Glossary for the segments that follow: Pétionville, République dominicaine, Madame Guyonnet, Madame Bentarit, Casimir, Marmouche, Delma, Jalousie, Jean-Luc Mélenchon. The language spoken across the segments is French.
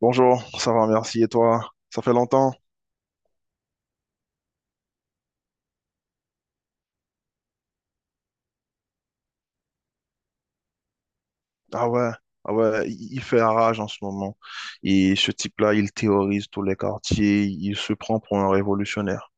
Bonjour, ça va, merci. Et toi? Ça fait longtemps? Ah ouais, ah ouais, il fait rage en ce moment. Et ce type-là, il théorise tous les quartiers, il se prend pour un révolutionnaire.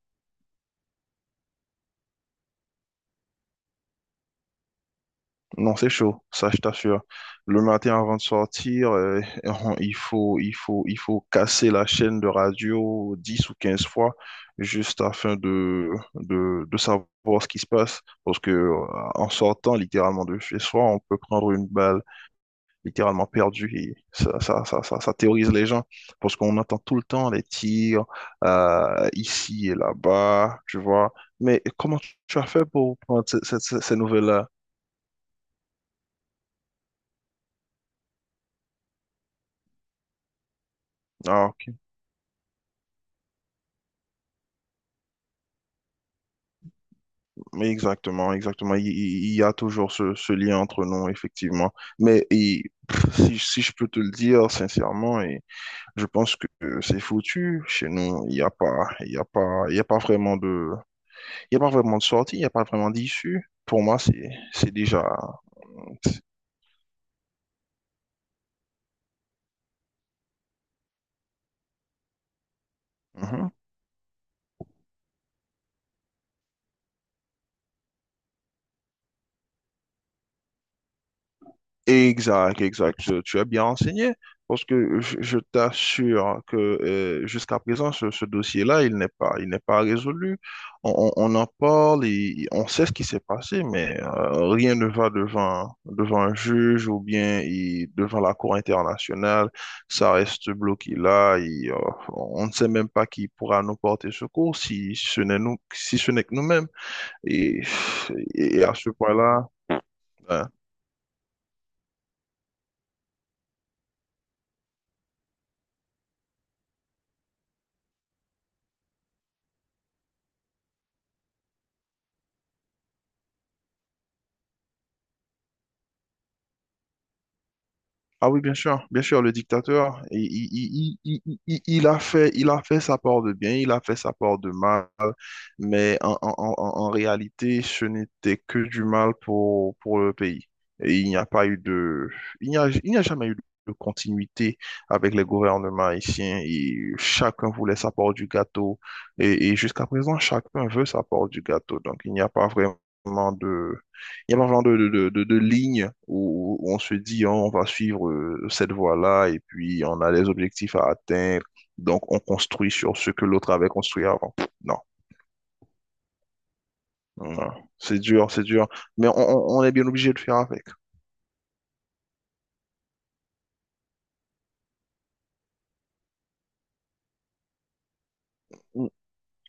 Non, c'est chaud, ça je t'assure. Le matin avant de sortir, il faut casser la chaîne de radio 10 ou 15 fois juste afin de savoir ce qui se passe. Parce que en sortant littéralement de chez soi, on peut prendre une balle littéralement perdu et ça terrorise les gens parce qu'on entend tout le temps les tirs ici et là-bas, tu vois. Mais comment tu as fait pour prendre ces nouvelles-là? Ah, ok. Mais exactement, exactement. Il y a toujours ce lien entre nous, effectivement. Mais et, si je peux te le dire sincèrement, et je pense que c'est foutu. Chez nous, il n'y a pas, il y a pas vraiment de, il y a pas vraiment de sortie, il n'y a pas vraiment d'issue. Pour moi, c'est déjà, différentes. Mhm. Exact, exact. Tu es bien renseigné parce que je t'assure que jusqu'à présent, ce dossier-là, il n'est pas résolu. On en parle et on sait ce qui s'est passé, mais rien ne va devant, devant un juge ou bien devant la Cour internationale. Ça reste bloqué là et on ne sait même pas qui pourra nous porter secours si ce n'est nous, si ce n'est que nous-mêmes. Et, et à ce point-là, hein, Ah oui, bien sûr, le dictateur, il a fait, il a fait sa part de bien, il a fait sa part de mal, mais en réalité, ce n'était que du mal pour le pays. Et il n'y a pas eu de, il n'y a jamais eu de continuité avec les gouvernements haïtiens et chacun voulait sa part du gâteau et jusqu'à présent, chacun veut sa part du gâteau. Donc, il n'y a pas vraiment il y a un genre de ligne où on se dit, oh, on va suivre cette voie-là et puis on a des objectifs à atteindre. Donc, on construit sur ce que l'autre avait construit avant. Non, non, c'est dur, c'est dur. Mais on est bien obligé de faire avec.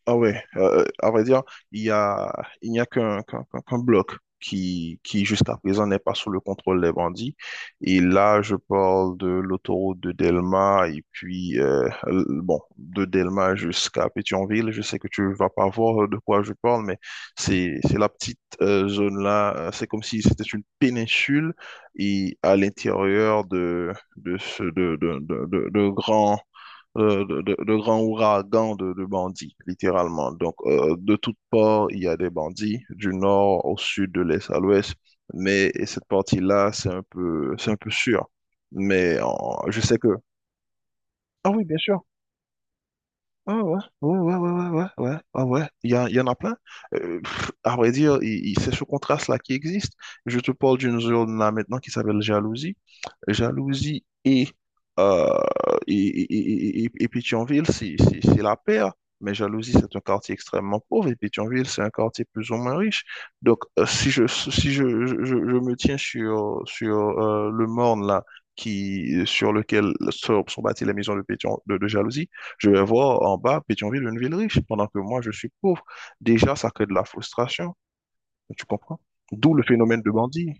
Ah ouais, à vrai dire, il y a, il n'y a qu'un bloc qui jusqu'à présent n'est pas sous le contrôle des bandits. Et là, je parle de l'autoroute de Delma et puis, bon, de Delma jusqu'à Pétionville. Je sais que tu vas pas voir de quoi je parle, mais c'est la petite zone-là. C'est comme si c'était une péninsule et à l'intérieur de grands de grands ouragans de bandits, littéralement. Donc, de toutes parts, il y a des bandits, du nord au sud, de l'est à l'ouest. Mais et cette partie-là, c'est un peu sûr. Mais je sais que... Ah oui, bien sûr. Ah ouais, ouais, ouais, ouais, ouais, ouais, ouais, ouais, ouais. Il y en a plein. À vrai dire, c'est ce contraste-là qui existe. Je te parle d'une zone là maintenant qui s'appelle Jalousie. Jalousie et, euh, et Pétionville, c'est la paire. Mais Jalousie, c'est un quartier extrêmement pauvre et Pétionville, c'est un quartier plus ou moins riche. Donc, si je, si je, je me tiens sur, sur le morne là, qui, sur lequel sont bâties les maisons de, Pétion, de Jalousie, je vais voir en bas Pétionville, une ville riche, pendant que moi, je suis pauvre. Déjà, ça crée de la frustration. Tu comprends? D'où le phénomène de bandit.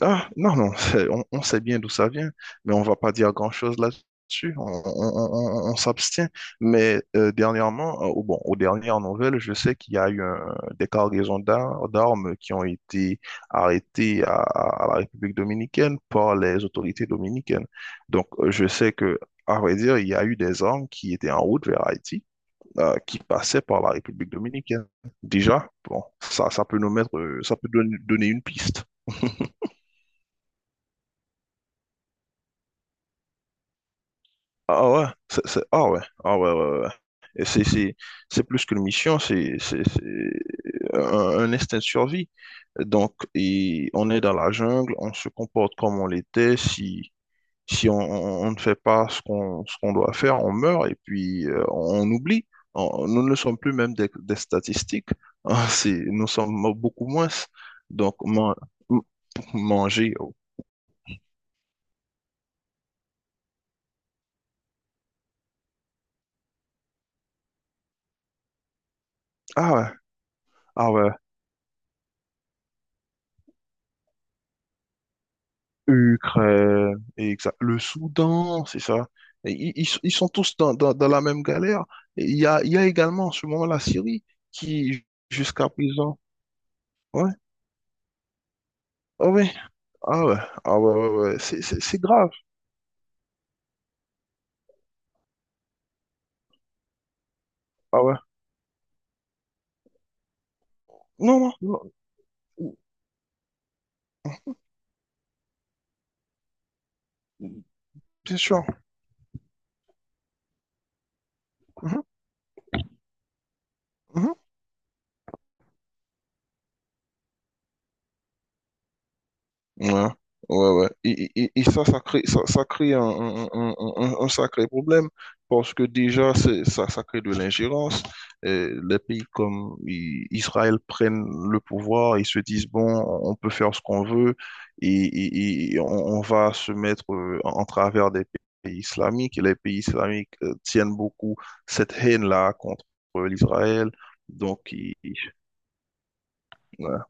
Ah, non, non, on sait bien d'où ça vient, mais on va pas dire grand-chose là-dessus. On s'abstient. Mais dernièrement, bon, aux dernières nouvelles, je sais qu'il y a eu des cargaisons d'armes qui ont été arrêtées à la République dominicaine par les autorités dominicaines. Donc, je sais que, à vrai dire, il y a eu des armes qui étaient en route vers Haïti, qui passaient par la République dominicaine. Déjà, bon, ça peut nous mettre, ça peut donner une piste. Ah ouais, ah ouais, ah ouais, ouais, ouais, ouais. Et c'est plus qu'une mission, c'est un, un instinct de survie. Donc, et on est dans la jungle, on se comporte comme on l'était. Si on ne fait pas ce qu'on doit faire, on meurt et puis on, oublie. Nous ne sommes plus même des statistiques. Nous sommes beaucoup moins. Donc, m- manger. Oh. Ah ouais, ah ouais. Ukraine, le Soudan, c'est ça. Et ils sont ils sont tous dans la même galère. Et il y a également en ce moment la Syrie qui, jusqu'à présent, ouais, oh ouais, ah ouais, ah ouais, ouais, ouais. C'est grave, ah ouais. Non, non, non. Bien sûr. Mhm, mhm. Ouais, ouais, ouais. Et ça crée, ça crée un sacré problème parce que déjà, ça, ça crée de l'ingérence. Les pays comme Israël prennent le pouvoir, ils se disent, bon, on peut faire ce qu'on veut et on va se mettre en travers des pays islamiques. Et les pays islamiques tiennent beaucoup cette haine-là contre l'Israël. Donc, ouais.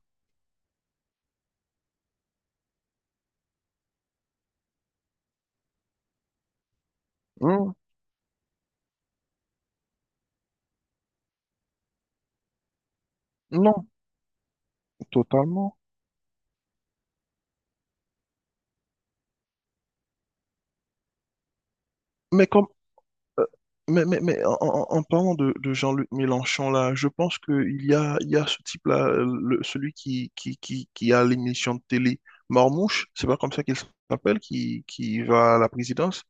Hum, non, totalement. Mais quand Euh, Mais, mais en parlant de Jean-Luc Mélenchon, là, je pense il y a ce type-là, celui qui a l'émission de télé Marmouche, c'est pas comme ça qu'il s'appelle, qui va à la présidence,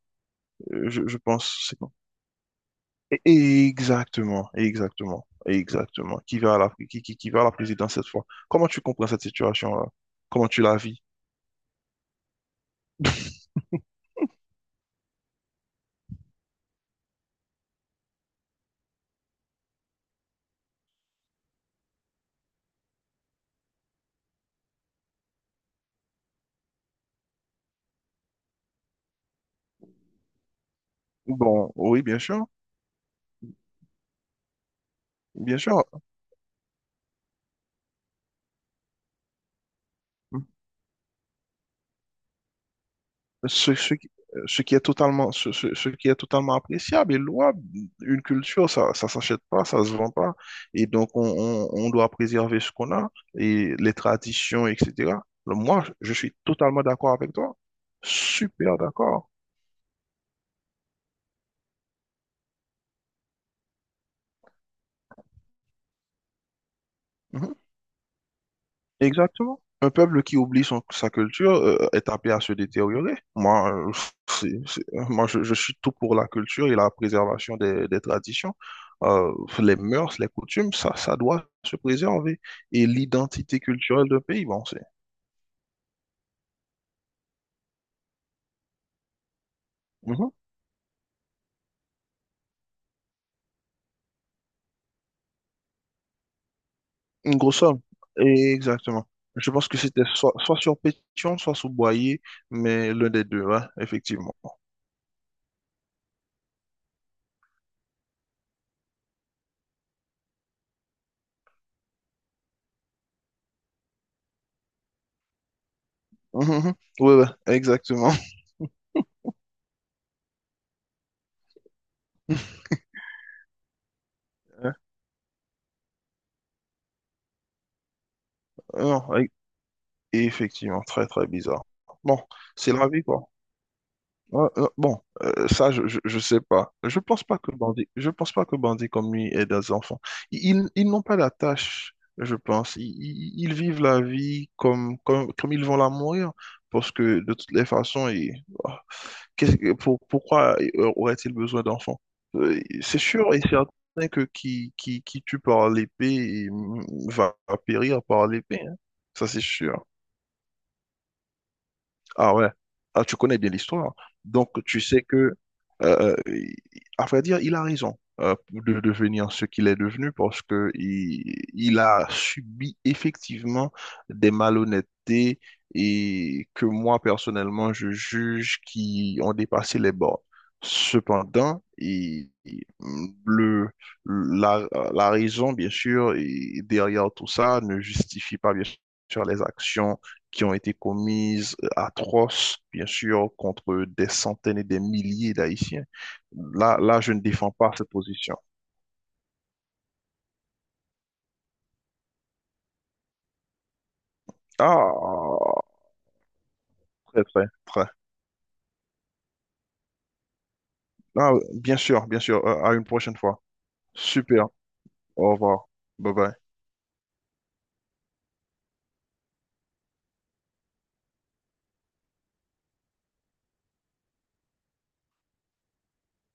Je pense, c'est bon. Exactement, exactement, exactement, qui va à la, qui va à la présidence cette fois. Comment tu comprends cette situation-là? Comment tu la vis? Bon, oui, bien sûr, bien sûr. Ce, ce qui ce qui est totalement appréciable et louable. Une culture, ça s'achète pas, ça se vend pas. Et donc, on doit préserver ce qu'on a et les traditions, etc. Moi, je suis totalement d'accord avec toi. Super d'accord. Mhm. Exactement. Un peuple qui oublie sa culture est appelé à se détériorer. Moi, moi je suis tout pour la culture et la préservation des traditions. Euh, les mœurs, les coutumes, ça doit se préserver. Et l'identité culturelle d'un pays, bon, c'est... Mhm. Une grosse somme. Et exactement. Je pense que c'était soit sur Pétion, soit sur Boyer, mais l'un des deux, hein, effectivement. Mhm, mhm. Oui, oui, exactement. Hein, non. Et effectivement, très très bizarre. Bon, c'est la vie, quoi. Ouais, bon, ça, je sais pas. Je pense pas que bandit comme lui aide des enfants. Ils n'ont pas la tâche, je pense. Ils vivent la vie comme ils vont la mourir. Parce que de toutes les façons, ah, pourquoi aurait-il besoin d'enfants? C'est sûr et certain que qui tue par l'épée il va périr par l'épée, hein. Ça, c'est sûr. Ah ouais. Ah, tu connais bien l'histoire. Donc, tu sais que, euh, il- à vrai dire, il a raison de devenir ce qu'il est devenu parce que il a subi effectivement des malhonnêtetés et que moi, personnellement, je juge qui ont dépassé les bords. Cependant, le, la, la raison, bien sûr, et derrière tout ça ne justifie pas, bien sûr, les actions qui ont été commises atroces, bien sûr, contre des centaines et des milliers d'Haïtiens. Là, là, je ne défends pas cette position. Ah, très, très, très. Ah, bien sûr, bien sûr. À une prochaine fois. Super. Au revoir. Bye bye.